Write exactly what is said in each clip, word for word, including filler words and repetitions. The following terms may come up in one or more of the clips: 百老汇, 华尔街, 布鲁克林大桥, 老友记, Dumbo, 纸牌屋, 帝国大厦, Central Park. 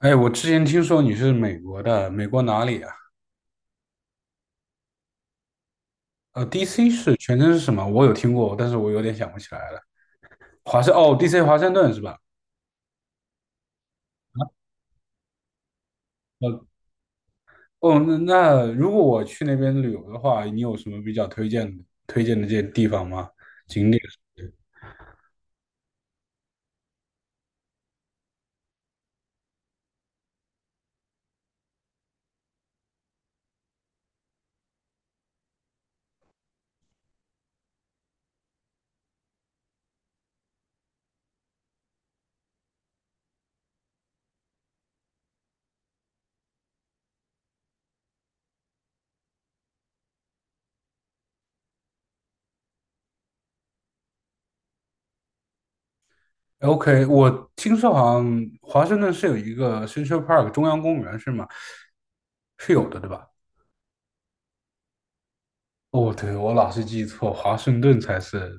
哎，我之前听说你是美国的，美国哪里啊？呃，D C 是全称是什么？我有听过，但是我有点想不起来了。华盛，哦，D C 华盛顿是吧？呃，哦，那那如果我去那边旅游的话，你有什么比较推荐的推荐的这些地方吗？景点？OK，我听说好像华盛顿是有一个 Central Park 中央公园是吗？是有的，对吧？哦，对，我老是记错，华盛顿才是。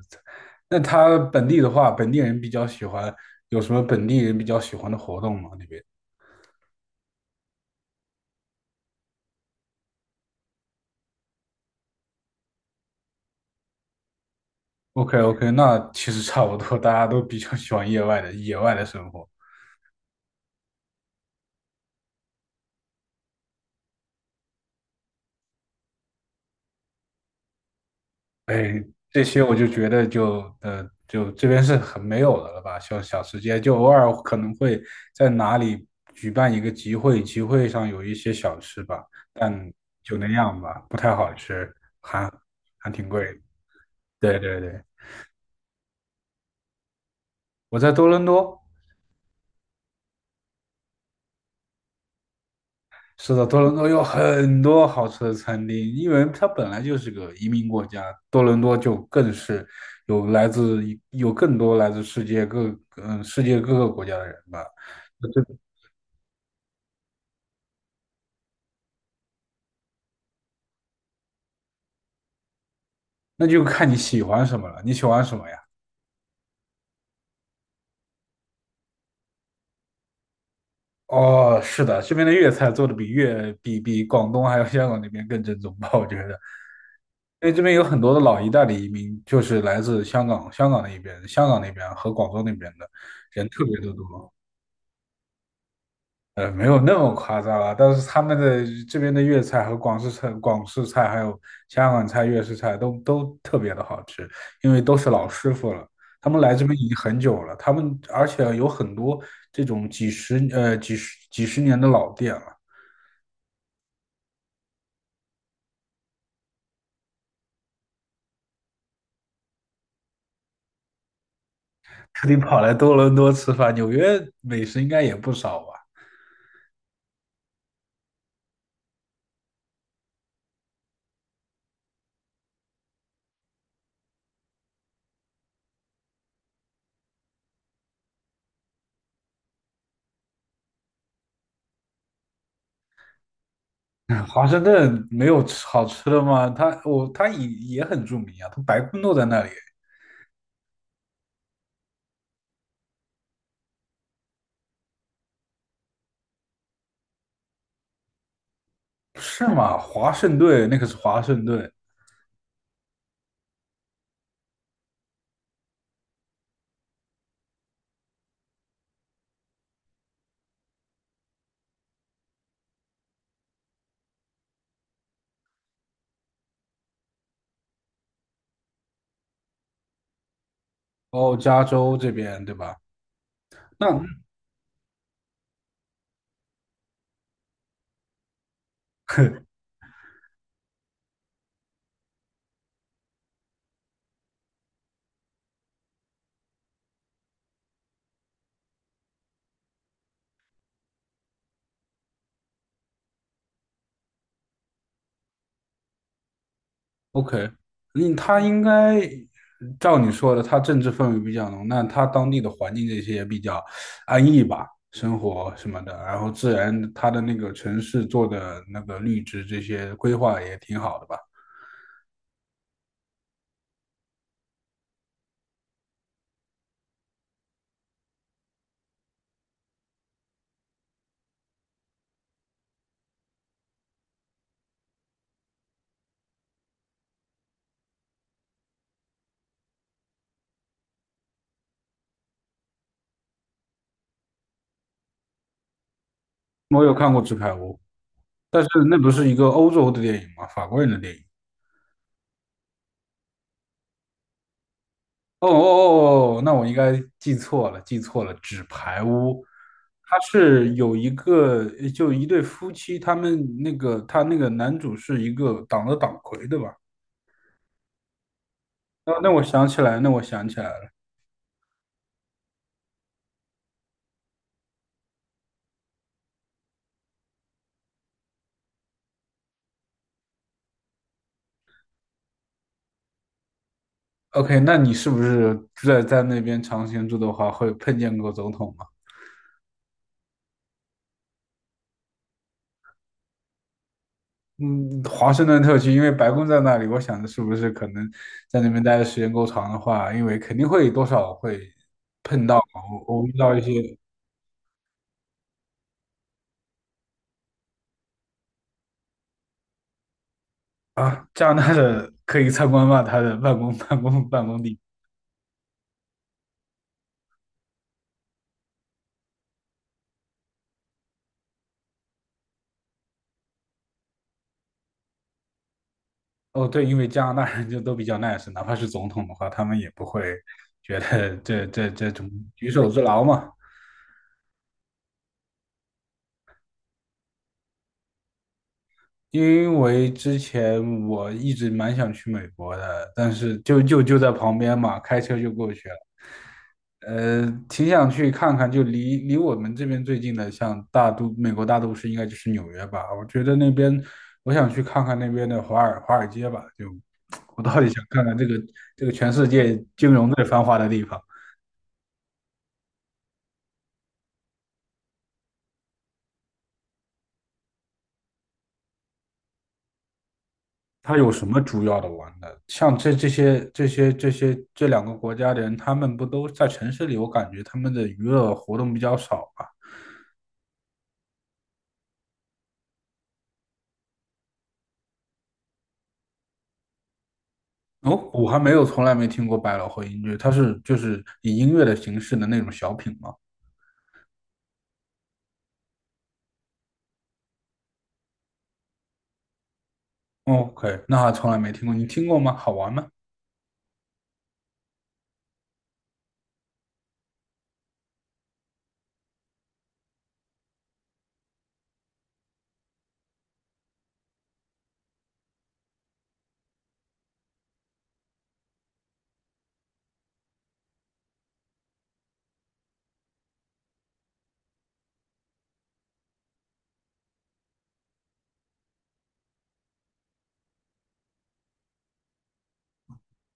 那他本地的话，本地人比较喜欢，有什么本地人比较喜欢的活动吗？那边？OK OK,那其实差不多，大家都比较喜欢野外的野外的生活。哎，这些我就觉得就呃就这边是很没有的了吧，像小吃街，就偶尔可能会在哪里举办一个集会，集会上有一些小吃吧，但就那样吧，不太好吃，还还挺贵的对对对。我在多伦多，是的，多伦多有很多好吃的餐厅，因为它本来就是个移民国家，多伦多就更是有来自有更多来自世界各嗯世界各个国家的人吧。那就那就看你喜欢什么了，你喜欢什么呀？哦，是的，这边的粤菜做的比粤比比广东还有香港那边更正宗吧，我觉得。因为这边有很多的老一代的移民，就是来自香港、香港那一边、香港那边和广州那边的人特别的多。呃，没有那么夸张啊，但是他们的这边的粤菜和广式菜、广式菜还有香港菜、粤式菜都都特别的好吃，因为都是老师傅了，他们来这边已经很久了，他们而且有很多这种几十呃几十几十年的老店了，特地跑来多伦多吃饭，纽约美食应该也不少吧？嗯华盛顿没有吃好吃的吗？它我它也也很著名啊，它白宫都在那里，是吗？华盛顿那可是华盛顿。哦，加州这边对吧？那 OK,嗯，他应该照你说的，他政治氛围比较浓，那他当地的环境这些也比较安逸吧，生活什么的，然后自然他的那个城市做的那个绿植这些规划也挺好的吧。我有看过《纸牌屋》，但是那不是一个欧洲的电影吗？法国人的电影。哦哦哦，哦，那我应该记错了，记错了，《纸牌屋》，它是有一个呃就一对夫妻，他们那个他那个男主是一个党的党魁，对吧？那那我想起来，那我想起来了。OK，那你是不是在在那边长期住的话，会碰见过总统吗？嗯，华盛顿特区，因为白宫在那里，我想着是不是可能在那边待的时间够长的话，因为肯定会多少会碰到，我我遇到一些。啊，加拿大的可以参观吗？他的办公 办公办公地。哦，对，因为加拿大人就都比较 nice，哪怕是总统的话，他们也不会觉得这这这种举手之劳嘛。因为之前我一直蛮想去美国的，但是就就就在旁边嘛，开车就过去了。呃，挺想去看看，就离离我们这边最近的，像大都美国大都市，应该就是纽约吧。我觉得那边，我想去看看那边的华尔华尔街吧。就 我到底想看看这个这个全世界金融最繁华的地方。他有什么主要的玩的？像这这些这些这些这两个国家的人，他们不都在城市里？我感觉他们的娱乐活动比较少吧。哦，我还没有从来没听过百老汇音乐，它是就是以音乐的形式的那种小品吗？哦？OK，那还从来没听过，你听过吗？好玩吗？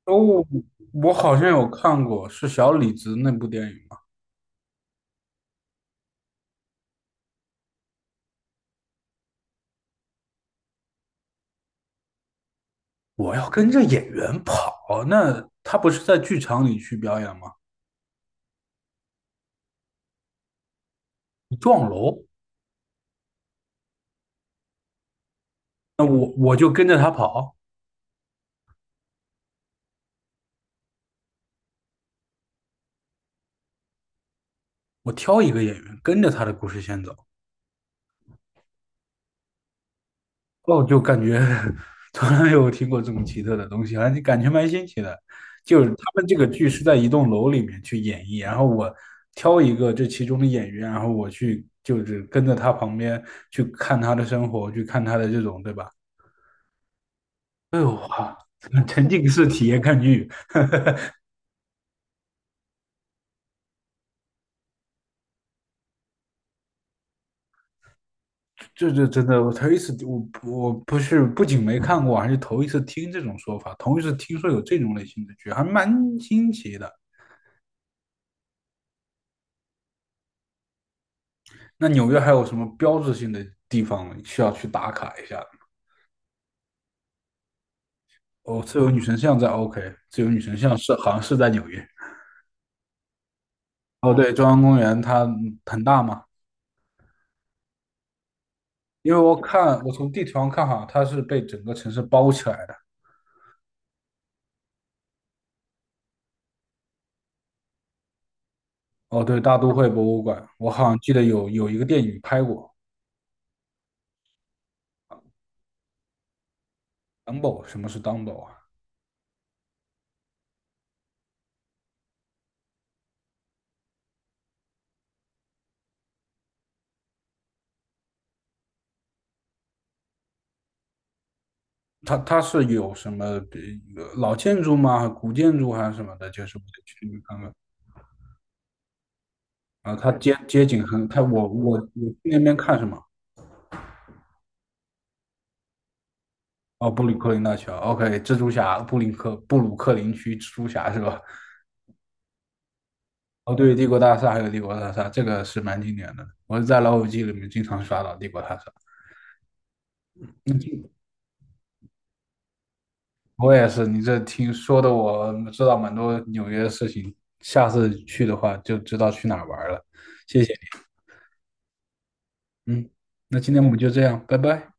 哦，我好像有看过，是小李子那部电影吗？我要跟着演员跑，那他不是在剧场里去表演吗？撞楼，那我我就跟着他跑。我挑一个演员跟着他的故事线走，哦，就感觉 从来没有听过这么奇特的东西，而且感觉蛮新奇的。就是他们这个剧是在一栋楼里面去演绎，然后我挑一个这其中的演员，然后我去就是跟着他旁边去看他的生活，去看他的这种，对吧？哎呦哇！ 沉浸式体验看剧，这这真的，我头一次，我我不是不仅没看过，还是头一次听这种说法，头一次听说有这种类型的剧，还蛮新奇的。那纽约还有什么标志性的地方需要去打卡一下？哦，自由女神像在 OK，自由女神像是好像是在纽约。哦，对，中央公园它很大嘛，因为我看我从地图上看，哈，它是被整个城市包起来的。哦，对，大都会博物馆，我好像记得有有一个电影拍过，Dumbo，什么是 Dumbo 啊？它它是有什么呃老建筑吗？古建筑还是什么的？就是我得去那边看看。啊，它街街景很，它我我我去那边看什么？哦，布鲁克林大桥，OK，蜘蛛侠，布林克布鲁克林区蜘蛛侠是吧？哦，对，帝国大厦还有帝国大厦，这个是蛮经典的。我是在老友记里面经常刷到帝国大厦。我也是，你这听说的，我知道蛮多纽约的事情。下次去的话就知道去哪儿玩了。谢谢你，嗯，那今天我们就这样，拜拜。